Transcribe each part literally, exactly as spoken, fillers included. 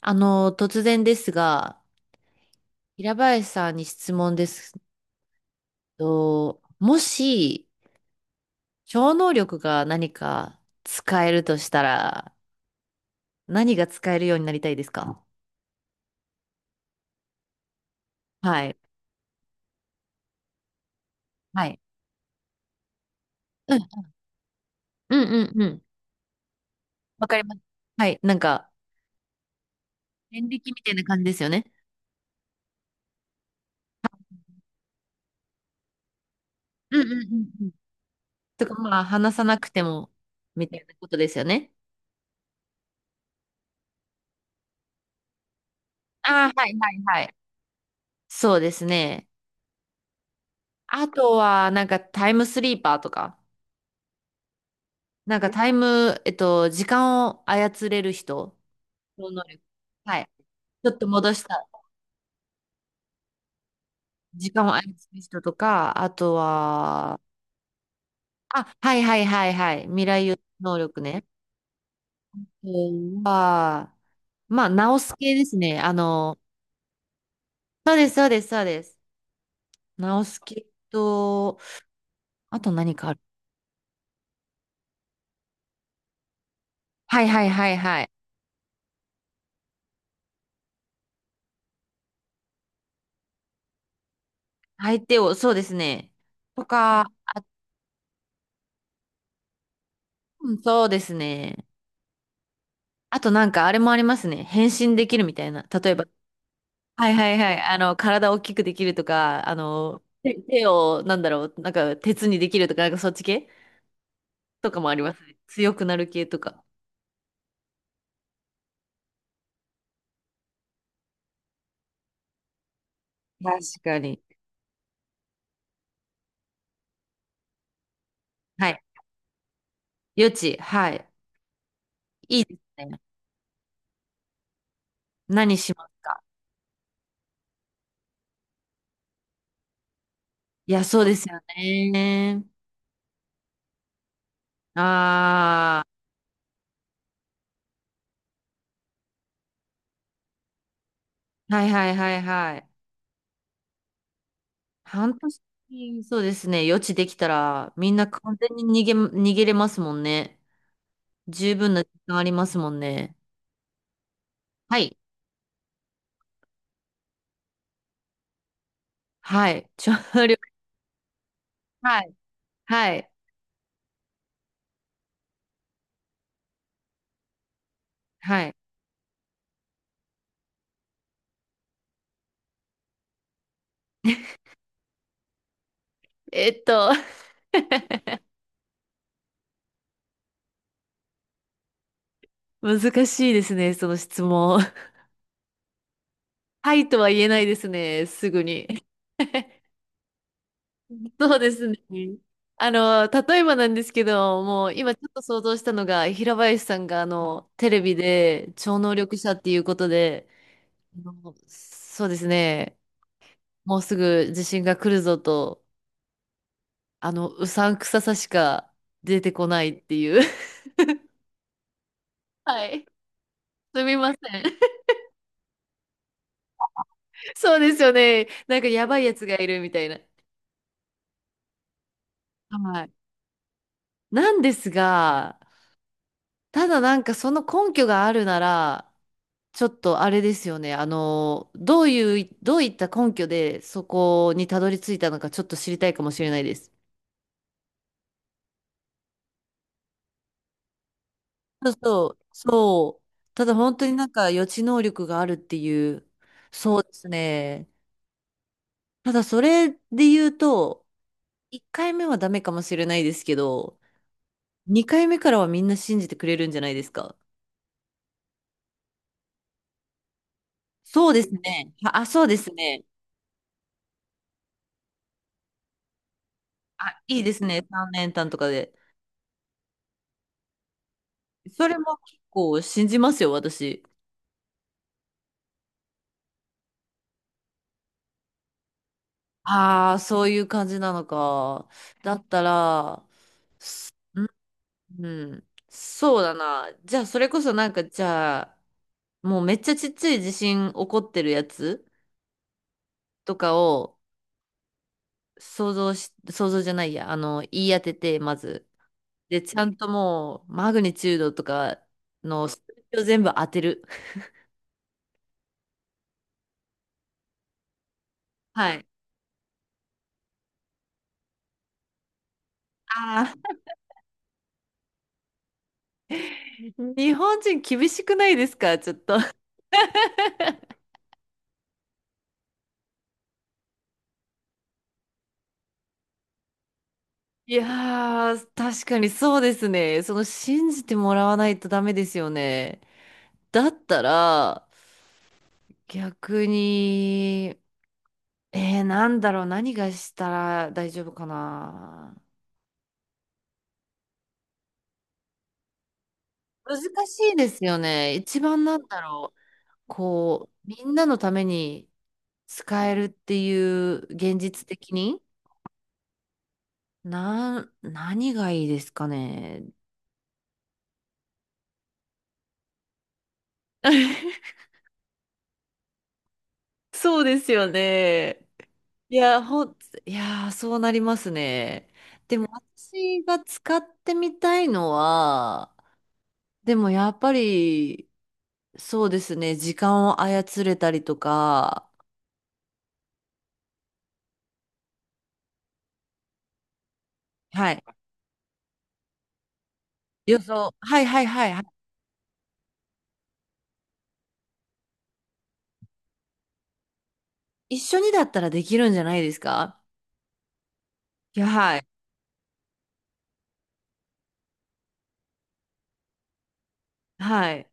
あの、突然ですが、平林さんに質問です、と、もし、超能力が何か使えるとしたら、何が使えるようになりたいですか？はい。はい。うん、うん、うん、うん。わかります。はい。なんか、遍歴みたいな感じですよね。うん、うん、うんうん。とか、まあ、話さなくても、みたいなことですよね。ああ、はい、はい、はい。そうですね。あとは、なんか、タイムスリーパーとか。なんかタイム、えっと、時間を操れる人の能力。はい。ちょっと戻した。時間を操る人とか、あとは、あ、はいはいはいはい。未来予測能力ね。うんは、まあ、直す系ですね。あの、そうですそうですそうです。直す系と、あと何かある？はいはいはいはい。相手を、そうですね。とか、あ、うんそうですね。あとなんかあれもありますね。変身できるみたいな。例えば、はいはいはい。あの、体大きくできるとか、あの、手手を、なんだろう、なんか、鉄にできるとか、なんかそっち系とかもありますね。強くなる系とか。確かに。はい。余地。はい。いいですね。何しますか？いや、そうですよね。ああ、はいはいはいはい。半年、そうですね。余地できたら、みんな完全に逃げま、逃げれますもんね。十分な時間ありますもんね。はい。はい。調力。はい。はい。はい。えっと、難しいですね、その質問。はいとは言えないですね、すぐに。そうですね。あの、例えばなんですけど、もう今ちょっと想像したのが、平林さんがあの、テレビで超能力者っていうことで、あのそうですね、もうすぐ地震が来るぞと、あの、うさんくささしか出てこないっていう。はい。すみません。そうですよね。なんかやばいやつがいるみたいな。はいなんですが、ただなんかその根拠があるなら、ちょっとあれですよね。あの、どういう、どういった根拠でそこにたどり着いたのかちょっと知りたいかもしれないです。そうそう、そう。ただ本当になんか予知能力があるっていう、そうですね。ただそれで言うと、いっかいめはダメかもしれないですけど、にかいめからはみんな信じてくれるんじゃないですか？そうですね。あ、あそうですね。あ、いいですね。さん連単とかで。それも結構信じますよ、私。ああ、そういう感じなのか。だったら、すうん、うん、そうだな。じゃあ、それこそなんか、じゃあ、もうめっちゃちっちゃい地震起こってるやつとかを想像し、想像じゃないや、あの、言い当てて、まず。で、ちゃんともう、マグニチュードとかの数字を全部当てる。はい。ああ、日本人厳しくないですか、ちょっと。いやー、確かにそうですね。その信じてもらわないとダメですよね。だったら、逆に、えー、なんだろう、何がしたら大丈夫かな。難しいですよね。一番なんだろう、こう、みんなのために使えるっていう現実的に、なん、何がいいですかね。そうですよね。いや、ほん、いやー、そうなりますね。でも私が使ってみたいのは、でもやっぱり、そうですね、時間を操れたりとか、はい。予想、はいはいはいはい。一緒にだったらできるんじゃないですか？いや、はい。はい。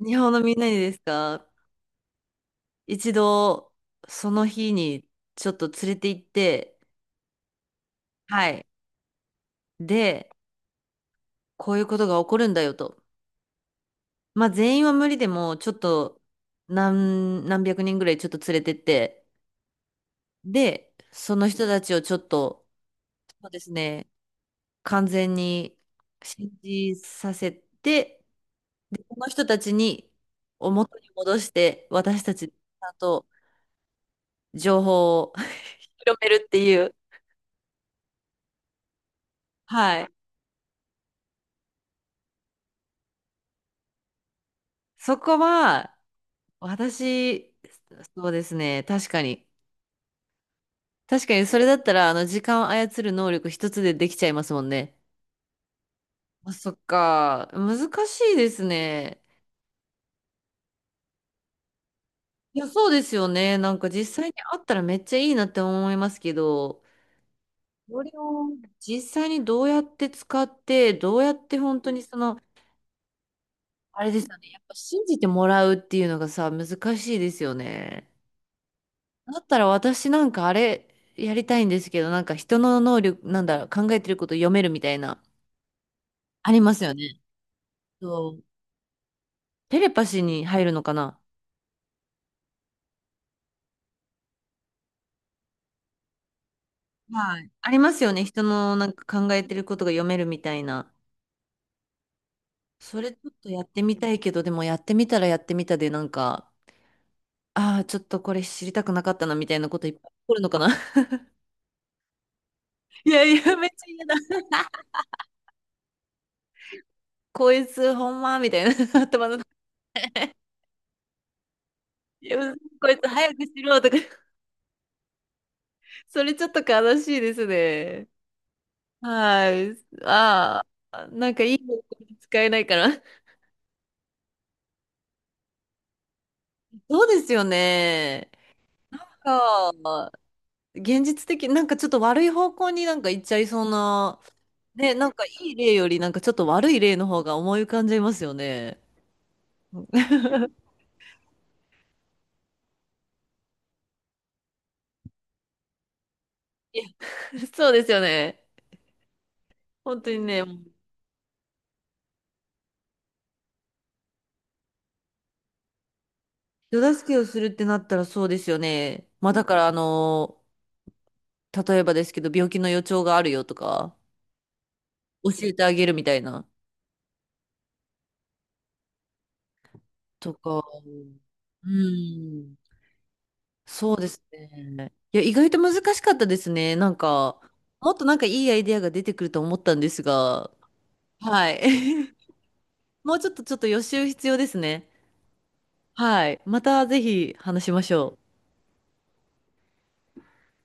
日本のみんなにですか？一度、その日にちょっと連れて行って、はい。で、こういうことが起こるんだよと。まあ全員は無理でも、ちょっと何、なんびゃくにんぐらいちょっと連れてって、で、その人たちをちょっと、そうですね、完全に信じさせて、で、この人たちに、を元に戻して、私たち、ちゃんと情報を 広めるっていう、はい。そこは、私、そうですね、確かに。確かに、それだったら、あの、時間を操る能力一つでできちゃいますもんね。あ、そっか。難しいですね。いや、そうですよね。なんか実際にあったらめっちゃいいなって思いますけど、それを実際にどうやって使って、どうやって本当にその、あれですよね。やっぱ信じてもらうっていうのがさ、難しいですよね。だったら私なんかあれやりたいんですけど、なんか人の能力、なんだろう、考えてること読めるみたいな、ありますよね。そう。テレパシーに入るのかな？はい。ありますよね。人のなんか考えてることが読めるみたいな。それちょっとやってみたいけど、でもやってみたらやってみたで、なんか、ああ、ちょっとこれ知りたくなかったなみたいなこといっぱい起こるのかな。いやいや、めっちゃ嫌だ。こいつ、ほんまみたいな 頭の中。いやこいつ早くしろとか、それちょっと悲しいですね。はい。ああ、なんかいい方向に使えないから。そうですよね。ああ現実的、なんかちょっと悪い方向になんか行っちゃいそうな、ね、なんかいい例よりなんかちょっと悪い例の方が思い浮かんじゃいますよね。そうですよね。本当にね、手助けをするってなったらそうですよね。まあだからあの、例えばですけど、病気の予兆があるよとか、教えてあげるみたいな、とか、うん、そうですね。いや、意外と難しかったですね。なんか、もっとなんかいいアイデアが出てくると思ったんですが、はい。もうちょっとちょっと予習必要ですね。はい。またぜひ話しましょう。